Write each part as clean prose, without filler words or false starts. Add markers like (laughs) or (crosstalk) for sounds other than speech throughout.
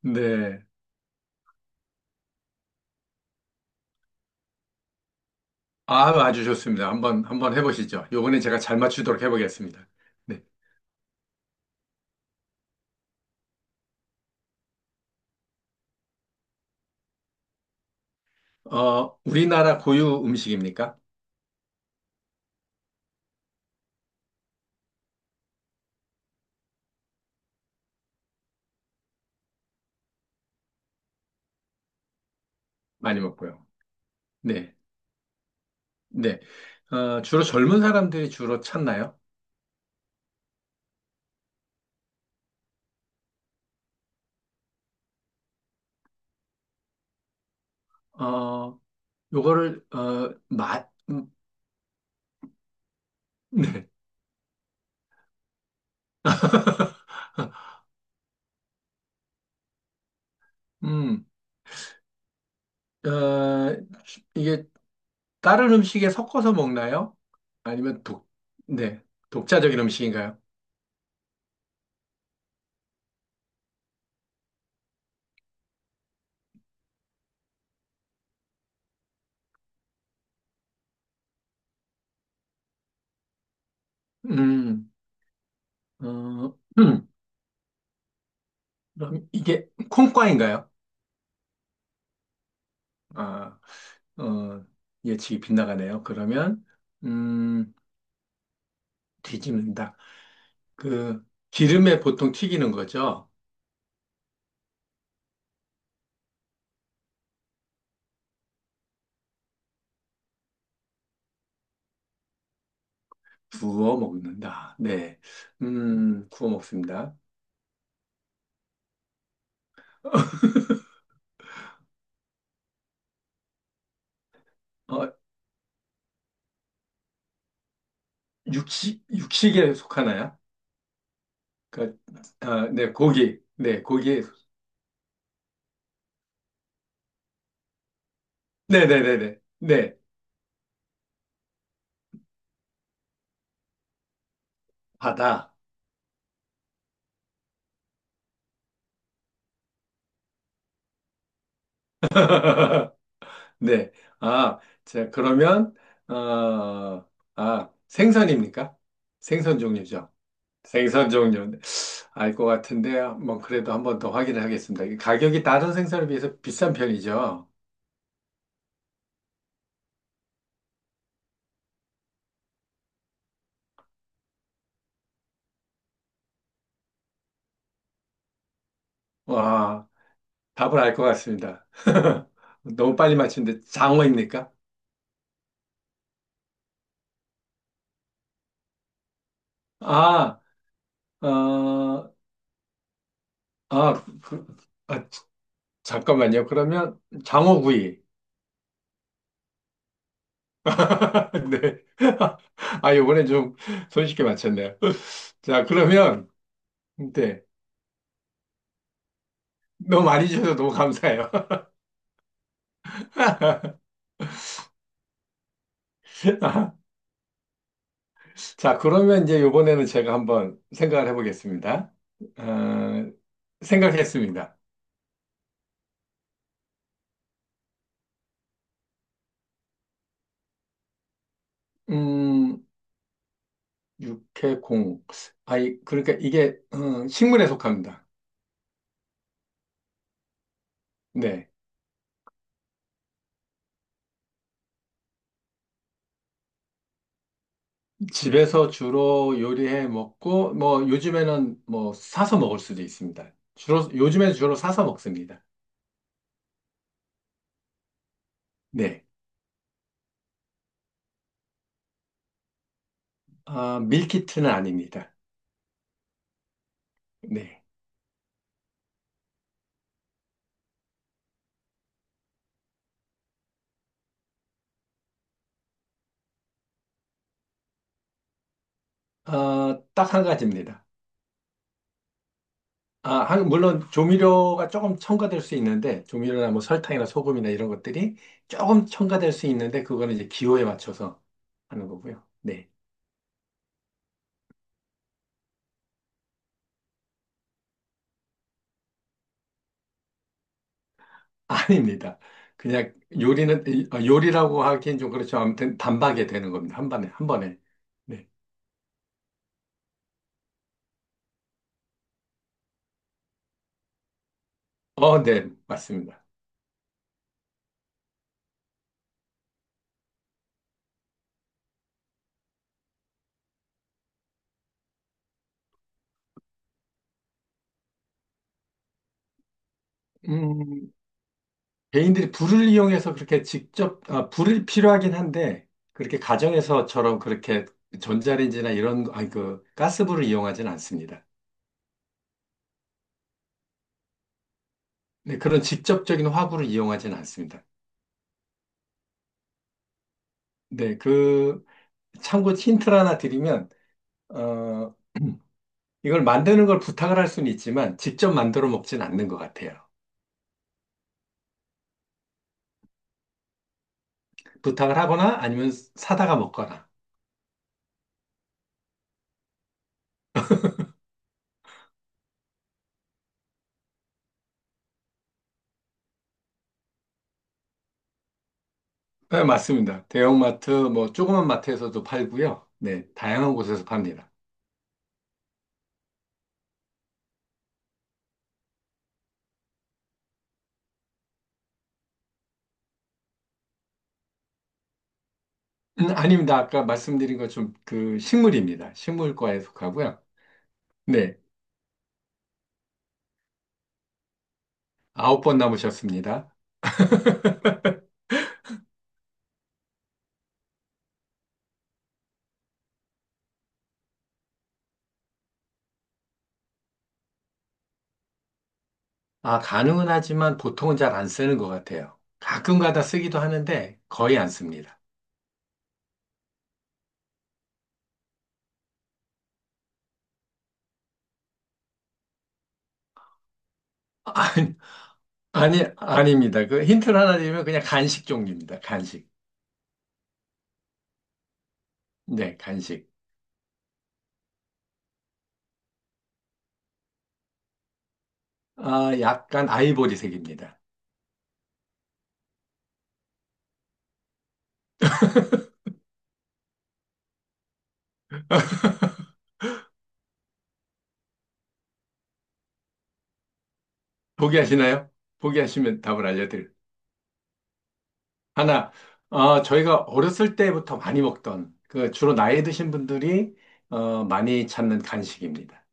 네. 아, 아주 좋습니다. 한번, 한번 해보시죠. 요번에 제가 잘 맞추도록 해보겠습니다. 네. 우리나라 고유 음식입니까? 많이 먹고요. 네. 네. 주로 젊은 사람들이 주로 찾나요? 어, 요거를, 어, 맛, 음, 네. (laughs) 음, 어, 이게 다른 음식에 섞어서 먹나요? 아니면 독, 네. 독자적인 음식인가요? 음, 어, (clears throat) 그럼 이게 콩과인가요? 아, 어, 예측이 빗나가네요. 그러면, 음, 뒤집는다. 그, 기름에 보통 튀기는 거죠? 구워 먹는다. 네. 구워 먹습니다. 어, 육식, 육식에 속하나요? 그, 아, 네, 고기. 네, 고기에, 속- 네네네네. 네, 네, 네. 네, 바다. (laughs) 네. 아, 자, 그러면, 어, 생선입니까? 생선 종류죠. 생선 종류는 알 것 같은데 뭐 그래도 한번 더 확인을 하겠습니다. 이게 가격이 다른 생선에 비해서 비싼 편이죠. 와, 답을 알 것 같습니다. (laughs) 너무 빨리 맞추는데 장어입니까? 아, 어, 아, 그, 아, 자- 잠깐만요. 그러면 장어구이. (laughs) 네. (laughs) 아, 요번에 좀 손쉽게 맞췄네요. (laughs) 자, 그러면 네. 너무 많이 주셔서 너무 감사해요. (laughs) (laughs) 자, 그러면 이제 이번에는 제가 한번 생각을 해보겠습니다. 어, 생각했습니다. 음, 육해공. 아이, 그러니까 이게 식물에 속합니다. 네. 집에서 주로 요리해 먹고, 뭐, 요즘에는 뭐, 사서 먹을 수도 있습니다. 주로, 요즘에 주로 사서 먹습니다. 네. 아, 밀키트는 아닙니다. 네. 아, 딱 한 가지입니다. 아, 한- 물론 조미료가 조금 첨가될 수 있는데, 조미료나 뭐 설탕이나 소금이나 이런 것들이 조금 첨가될 수 있는데, 그거는 이제 기호에 맞춰서 하는 거고요. 네. (laughs) 아닙니다. 그냥 요리는, 요리라고 하긴 좀 그렇죠. 아무튼 단박에 되는 겁니다. 한 번에, 한 번에. 네. 어, 네. 맞습니다. 음, 개인들이 불을 이용해서 그렇게 직접, 아, 불이 필요하긴 한데, 그렇게 가정에서처럼 그렇게 전자레인지나 이런, 아니, 그, 가스불을 이용하진 않습니다. 네, 그런 직접적인 화구를 이용하지는 않습니다. 네, 그, 참고 힌트를 하나 드리면, 어, (clears throat) 이걸 만드는 걸 부탁을 할 수는 있지만, 직접 만들어 먹진 않는 것 같아요. 부탁을 하거나 아니면 사다가 먹거나. 네, 맞습니다. 대형마트, 뭐, 조그만 마트에서도 팔고요. 네, 다양한 곳에서 팝니다. 아닙니다. 아까 말씀드린 것좀 그, 식물입니다. 식물과에 속하고요. 네, 아홉 번 남으셨습니다. 아, 가능은 하지만 보통은 잘 안 쓰는 것 같아요. 가끔가다 쓰기도 하는데 거의 안 씁니다. 아니, 아니, 아닙니다. 그 힌트를 하나 드리면 그냥 간식 종류입니다. 간식. 네, 간식. 아, 약간 아이보리색입니다. 포기하시나요? 포기하시면 답을 알려드릴. 하나, 저희가 어렸을 때부터 많이 먹던, 그 주로 나이 드신 분들이 많이 찾는 간식입니다.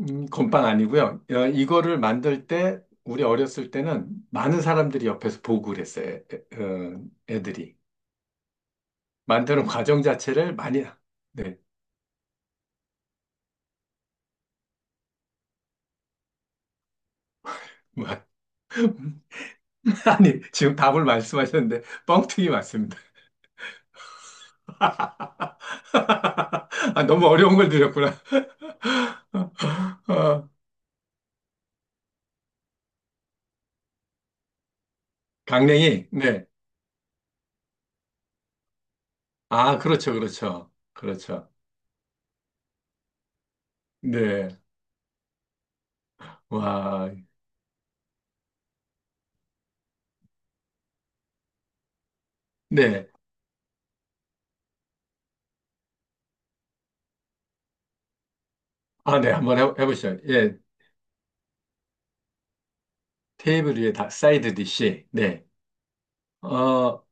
건빵 아니고요. 이거를 만들 때 우리 어렸을 때는 많은 사람들이 옆에서 보고 그랬어요. 애, 어, 애들이 만드는 과정 자체를 많이 네. 뭐, (laughs) 아니 지금 답을 말씀하셨는데 뻥튀기 맞습니다. (laughs) 아, 너무 어려운 걸 드렸구나. (laughs) 어, 강냉이 네. 아 그렇죠 그렇죠 그렇죠. 네. 와 네. 아 네 한번 해, 해보시죠. 예 테이블 위에 다 사이드 디시 네. 어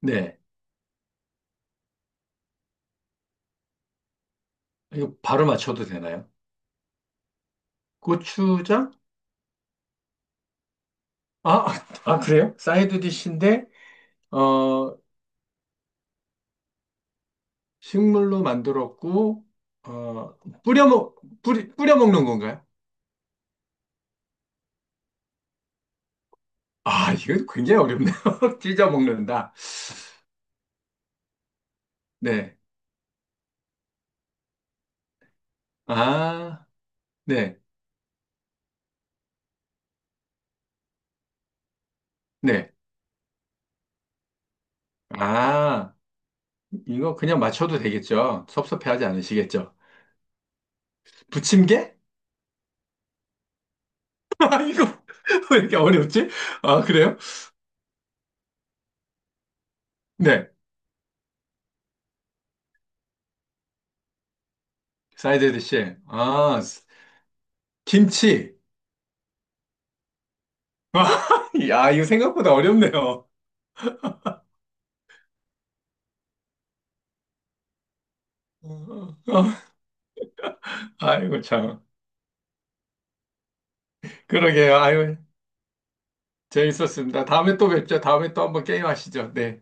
네. 이거 바로 맞춰도 되나요? 고추장? 아, (laughs) 아, 그래요? 사이드 디시인데, 어, 식물로 만들었고, 뿌려 먹, 뿌리, 뿌려 먹는 건가요? 아, 이거 굉장히 어렵네요. (laughs) 찢어 먹는다. 네. 아, 네. 네. 아, 이거 그냥 맞춰도 되겠죠? 섭섭해하지 않으시겠죠? 부침개? (laughs) 아, 이거 (laughs) 왜 이렇게 어렵지? 아, 그래요? 네. 사이드 디시. 아, 김치. (laughs) 야, 이거 생각보다 어렵네요. 어, 아이고, 참. 그러게요. 아고 재밌었습니다. 다음에 또 뵙죠. 다음에 또 한번 게임 하시죠. 네.